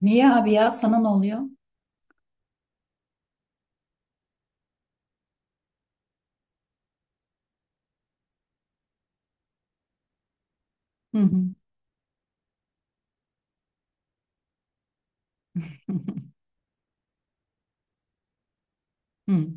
Niye abi ya? Sana ne oluyor? Hı hı. Hı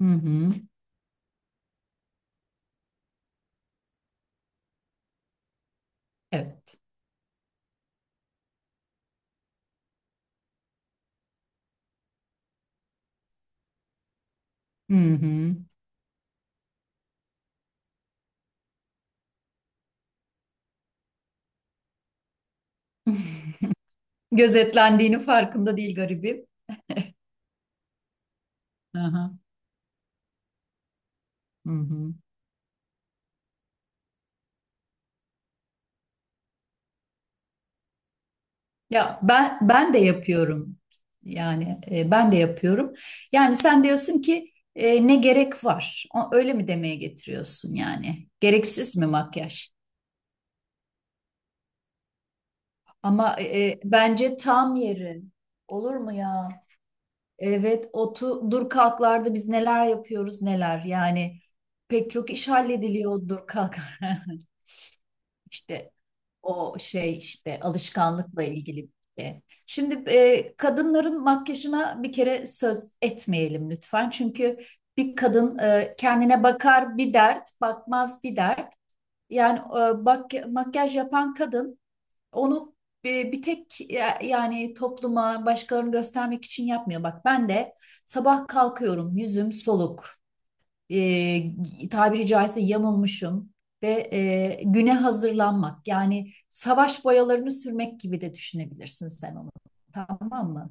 hı. Hı. Evet. Hı hı. Gözetlendiğinin farkında değil garibim. Aha. Hı hı. Ya ben de yapıyorum. Yani ben de yapıyorum. Yani sen diyorsun ki ne gerek var? Öyle mi demeye getiriyorsun yani? Gereksiz mi makyaj? Ama bence tam yeri. Olur mu ya? Evet, dur kalklarda biz neler yapıyoruz neler. Yani pek çok iş hallediliyor o dur kalk. İşte o şey işte alışkanlıkla ilgili bir şey. Şimdi kadınların makyajına bir kere söz etmeyelim lütfen. Çünkü bir kadın kendine bakar bir dert, bakmaz bir dert. Yani bak, makyaj yapan kadın onu bir tek yani topluma başkalarını göstermek için yapmıyor. Bak ben de sabah kalkıyorum, yüzüm soluk, tabiri caizse yamulmuşum ve güne hazırlanmak yani savaş boyalarını sürmek gibi de düşünebilirsin sen onu, tamam mı?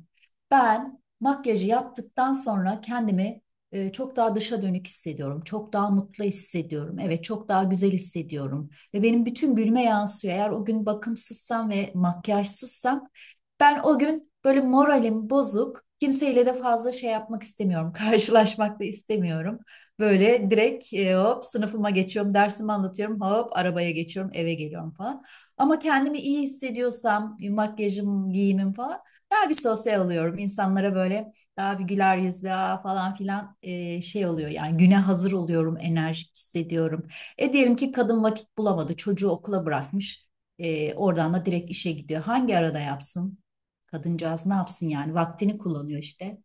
Ben makyajı yaptıktan sonra kendimi çok daha dışa dönük hissediyorum. Çok daha mutlu hissediyorum. Evet, çok daha güzel hissediyorum. Ve benim bütün gülme yansıyor. Eğer o gün bakımsızsam ve makyajsızsam, ben o gün böyle moralim bozuk. Kimseyle de fazla şey yapmak istemiyorum. Karşılaşmak da istemiyorum. Böyle direkt hop sınıfıma geçiyorum, dersimi anlatıyorum, hop arabaya geçiyorum, eve geliyorum falan. Ama kendimi iyi hissediyorsam, makyajım, giyimim falan, daha bir sosyal oluyorum. İnsanlara böyle daha bir güler yüzlü "Aa," falan filan şey oluyor. Yani güne hazır oluyorum, enerjik hissediyorum. Diyelim ki kadın vakit bulamadı, çocuğu okula bırakmış. Oradan da direkt işe gidiyor. Hangi arada yapsın? Kadıncağız ne yapsın yani? Vaktini kullanıyor işte.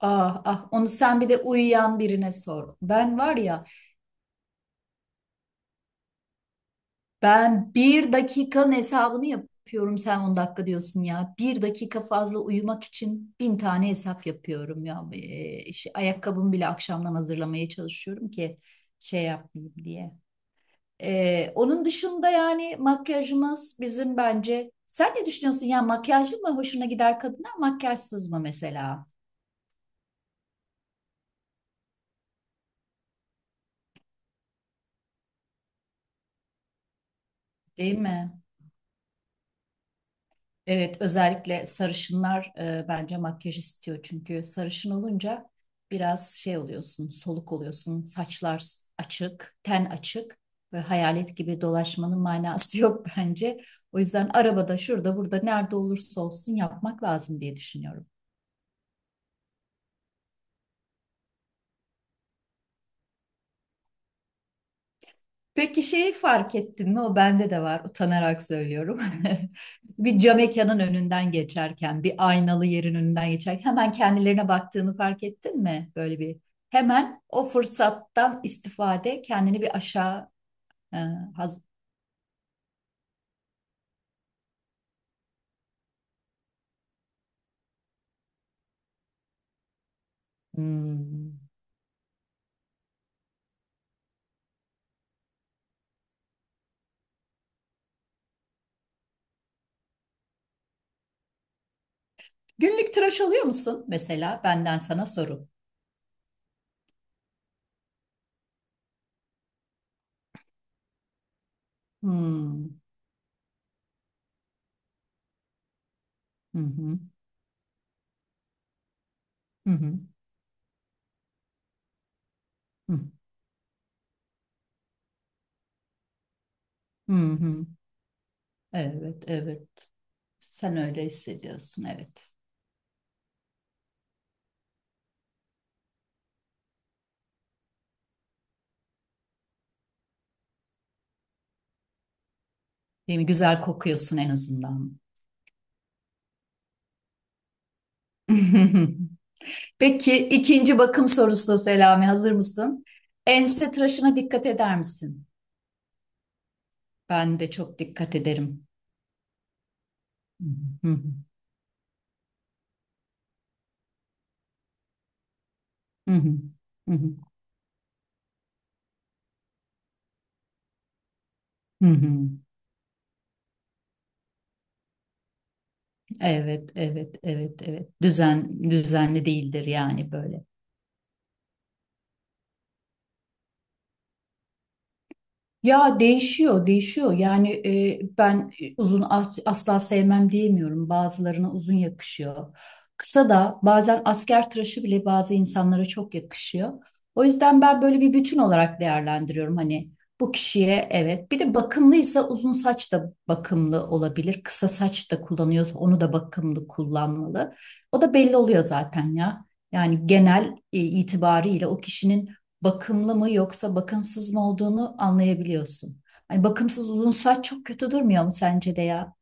Ah ah, onu sen bir de uyuyan birine sor. Ben var ya, ben bir dakikanın hesabını yapıyorum, sen 10 dakika diyorsun ya. Bir dakika fazla uyumak için bin tane hesap yapıyorum ya. İşte ayakkabımı bile akşamdan hazırlamaya çalışıyorum ki şey yapmayayım diye. Onun dışında yani makyajımız bizim, bence sen ne düşünüyorsun ya, makyajlı mı hoşuna gider kadına, makyajsız mı mesela, değil mi? Evet, özellikle sarışınlar bence makyaj istiyor, çünkü sarışın olunca biraz şey oluyorsun, soluk oluyorsun, saçlar açık, ten açık ve hayalet gibi dolaşmanın manası yok bence. O yüzden arabada, şurada, burada, nerede olursa olsun yapmak lazım diye düşünüyorum. Peki şeyi fark ettin mi? O bende de var. Utanarak söylüyorum. Bir cam mekanın önünden geçerken, bir aynalı yerin önünden geçerken hemen kendilerine baktığını fark ettin mi? Böyle bir hemen o fırsattan istifade kendini bir aşağı e, haz- Hmm. Günlük tıraş oluyor musun mesela? Benden sana soru. Hmm. Hı hı. Hı hı. Hı hı. Hı. Evet, evet. Sen öyle hissediyorsun, evet. Değil mi? Güzel kokuyorsun en azından. Peki ikinci bakım sorusu Selami, hazır mısın? Ense tıraşına dikkat eder misin? Ben de çok dikkat ederim. Hı hı, hı hı, hı hı, hı hı. Evet, evet, evet, evet. Düzenli değildir yani böyle. Ya değişiyor, değişiyor. Yani ben uzun asla sevmem diyemiyorum. Bazılarına uzun yakışıyor. Kısa da bazen asker tıraşı bile bazı insanlara çok yakışıyor. O yüzden ben böyle bir bütün olarak değerlendiriyorum. Hani bu kişiye evet. Bir de bakımlıysa uzun saç da bakımlı olabilir. Kısa saç da kullanıyorsa onu da bakımlı kullanmalı. O da belli oluyor zaten ya. Yani genel itibariyle o kişinin bakımlı mı yoksa bakımsız mı olduğunu anlayabiliyorsun. Hani bakımsız uzun saç çok kötü durmuyor mu sence de ya?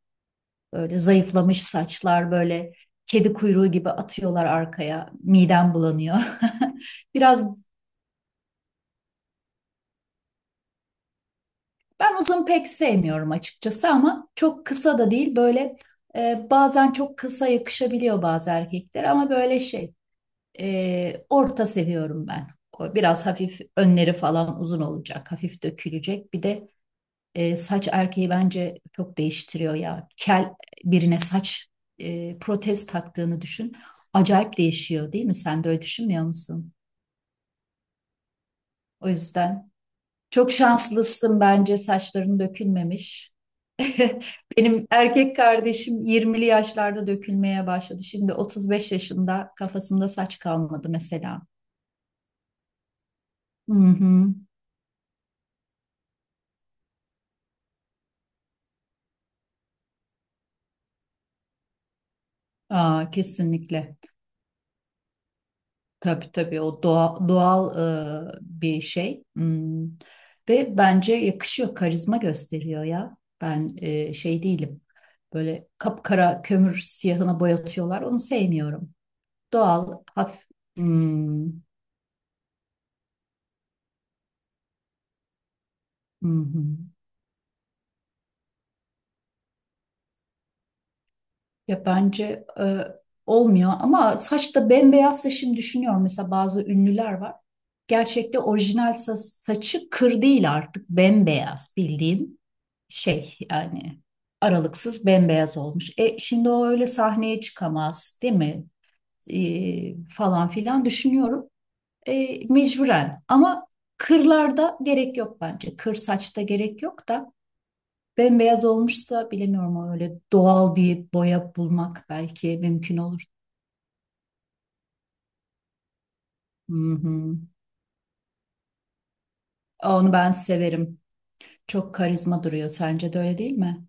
Böyle zayıflamış saçlar, böyle kedi kuyruğu gibi atıyorlar arkaya. Midem bulanıyor. Biraz ben uzun pek sevmiyorum açıkçası, ama çok kısa da değil, böyle bazen çok kısa yakışabiliyor bazı erkekler ama böyle şey, orta seviyorum ben. O biraz hafif önleri falan uzun olacak, hafif dökülecek. Bir de saç erkeği bence çok değiştiriyor ya. Kel birine saç protez taktığını düşün. Acayip değişiyor, değil mi? Sen de öyle düşünmüyor musun? O yüzden çok şanslısın bence, saçların dökülmemiş. Benim erkek kardeşim 20'li yaşlarda dökülmeye başladı. Şimdi 35 yaşında kafasında saç kalmadı mesela. Hı hı. Aa, kesinlikle. Tabii tabii, o doğal bir şey. Hmm. Ve bence yakışıyor, karizma gösteriyor ya. Ben şey değilim. Böyle kapkara kömür siyahına boyatıyorlar. Onu sevmiyorum. Doğal, hafif. Hmm, hı hı. Ya bence olmuyor, ama saçta bembeyazsa, şimdi düşünüyorum mesela, bazı ünlüler var. Gerçekte orijinal saçı kır değil, artık bembeyaz, bildiğin şey yani, aralıksız bembeyaz olmuş. Şimdi o öyle sahneye çıkamaz, değil mi? Falan filan düşünüyorum. Mecburen ama, kırlarda gerek yok bence. Kır saçta gerek yok da, bembeyaz olmuşsa bilemiyorum, ama öyle doğal bir boya bulmak belki mümkün olur. Hı hı. Onu ben severim. Çok karizma duruyor. Sence de öyle değil mi?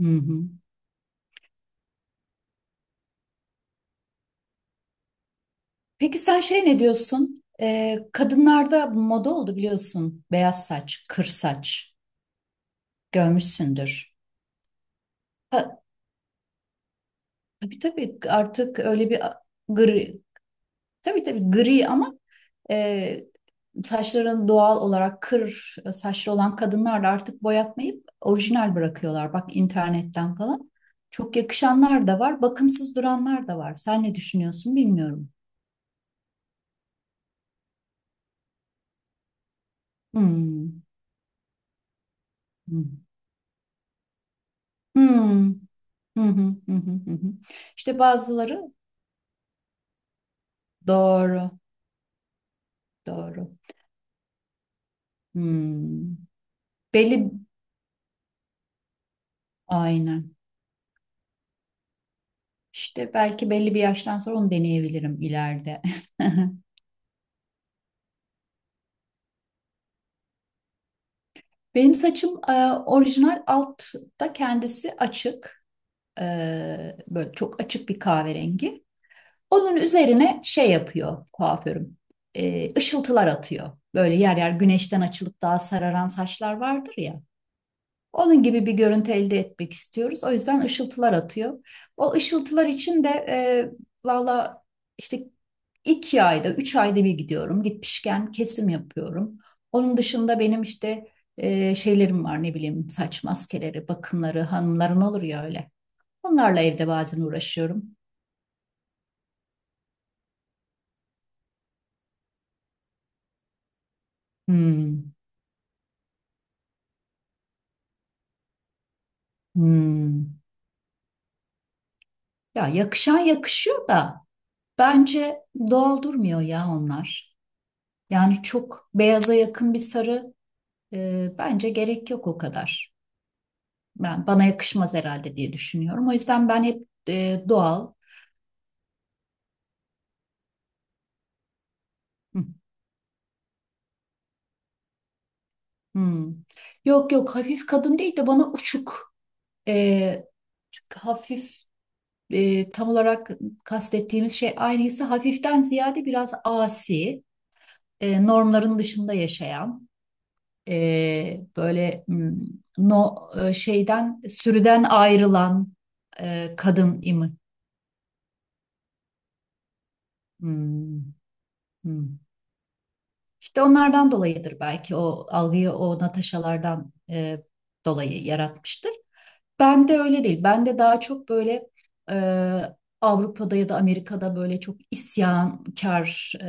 Hı hı. Peki sen şey ne diyorsun? Kadınlarda moda oldu biliyorsun. Beyaz saç, kır saç. Görmüşsündür. Ha, tabii tabii artık öyle bir gri, tabii tabii gri, ama E, saçlarını doğal olarak kır saçlı olan kadınlar da artık boyatmayıp orijinal bırakıyorlar. Bak internetten falan. Çok yakışanlar da var, bakımsız duranlar da var. Sen ne düşünüyorsun bilmiyorum. Hmm. Hmm. Hmm. Hı hı, hı hı, hı hı. İşte bazıları doğru, doğru. Hmm. Belli, aynen. İşte belki belli bir yaştan sonra onu deneyebilirim ileride. Benim saçım orijinal altta kendisi açık. E, Böyle çok açık bir kahverengi. Onun üzerine şey yapıyor kuaförüm. Işıltılar atıyor. Böyle yer yer güneşten açılıp daha sararan saçlar vardır ya. Onun gibi bir görüntü elde etmek istiyoruz. O yüzden ışıltılar atıyor. O ışıltılar için de valla, işte 2 ayda, 3 ayda bir gidiyorum. Gitmişken kesim yapıyorum. Onun dışında benim işte şeylerim var, ne bileyim, saç maskeleri, bakımları, hanımların olur ya öyle. Onlarla evde bazen uğraşıyorum. Hmm, hmm. Ya yakışan yakışıyor da, bence doğal durmuyor ya onlar. Yani çok beyaza yakın bir sarı. Bence gerek yok o kadar. Ben bana yakışmaz herhalde diye düşünüyorum. O yüzden ben hep doğal. Hı, hı. Yok yok, hafif kadın değil de, bana uçuk. E, Çünkü hafif tam olarak kastettiğimiz şey aynıysa, hafiften ziyade biraz asi, normların dışında yaşayan, böyle no şeyden sürüden ayrılan kadın imi. Hmm, hmm. İşte onlardan dolayıdır belki o algıyı, o Natasha'lardan dolayı yaratmıştır. Ben de öyle değil. Ben de daha çok böyle e, Avrupa'da ya da Amerika'da böyle çok isyankar,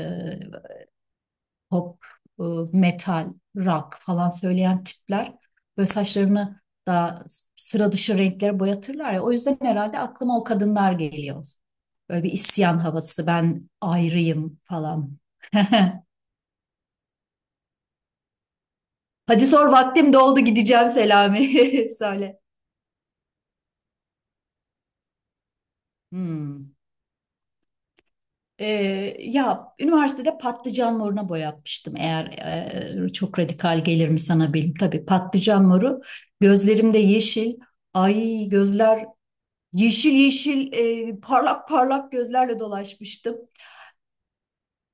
pop, e, metal, rock falan söyleyen tipler böyle saçlarını daha sıra dışı renklere boyatırlar ya. O yüzden herhalde aklıma o kadınlar geliyor. Böyle bir isyan havası, ben ayrıyım falan. Hadi sor, vaktim doldu, gideceğim Selami. Söyle. Hmm. Ya üniversitede patlıcan moruna boyatmıştım. Eğer çok radikal gelir mi sana bilim? Tabii patlıcan moru. Gözlerimde yeşil. Ay gözler yeşil yeşil, parlak parlak gözlerle dolaşmıştım.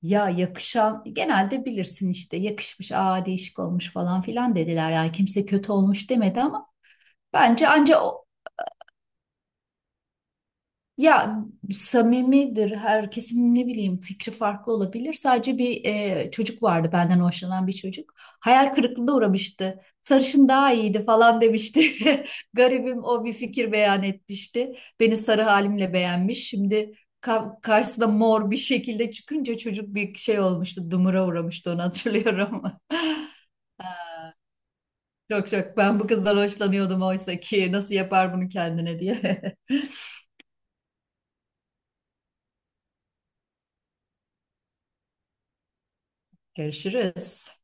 Ya yakışan, genelde bilirsin işte, yakışmış, aa değişik olmuş falan filan dediler. Yani kimse kötü olmuş demedi, ama bence anca o. Ya samimidir, herkesin ne bileyim fikri farklı olabilir. Sadece bir çocuk vardı, benden hoşlanan bir çocuk. Hayal kırıklığına uğramıştı. Sarışın daha iyiydi falan demişti. Garibim o, bir fikir beyan etmişti. Beni sarı halimle beğenmiş. Şimdi karşısına mor bir şekilde çıkınca çocuk bir şey olmuştu. Dumura uğramıştı, onu hatırlıyorum. Çok çok ben bu kızdan hoşlanıyordum, oysa ki nasıl yapar bunu kendine diye. Görüşürüz.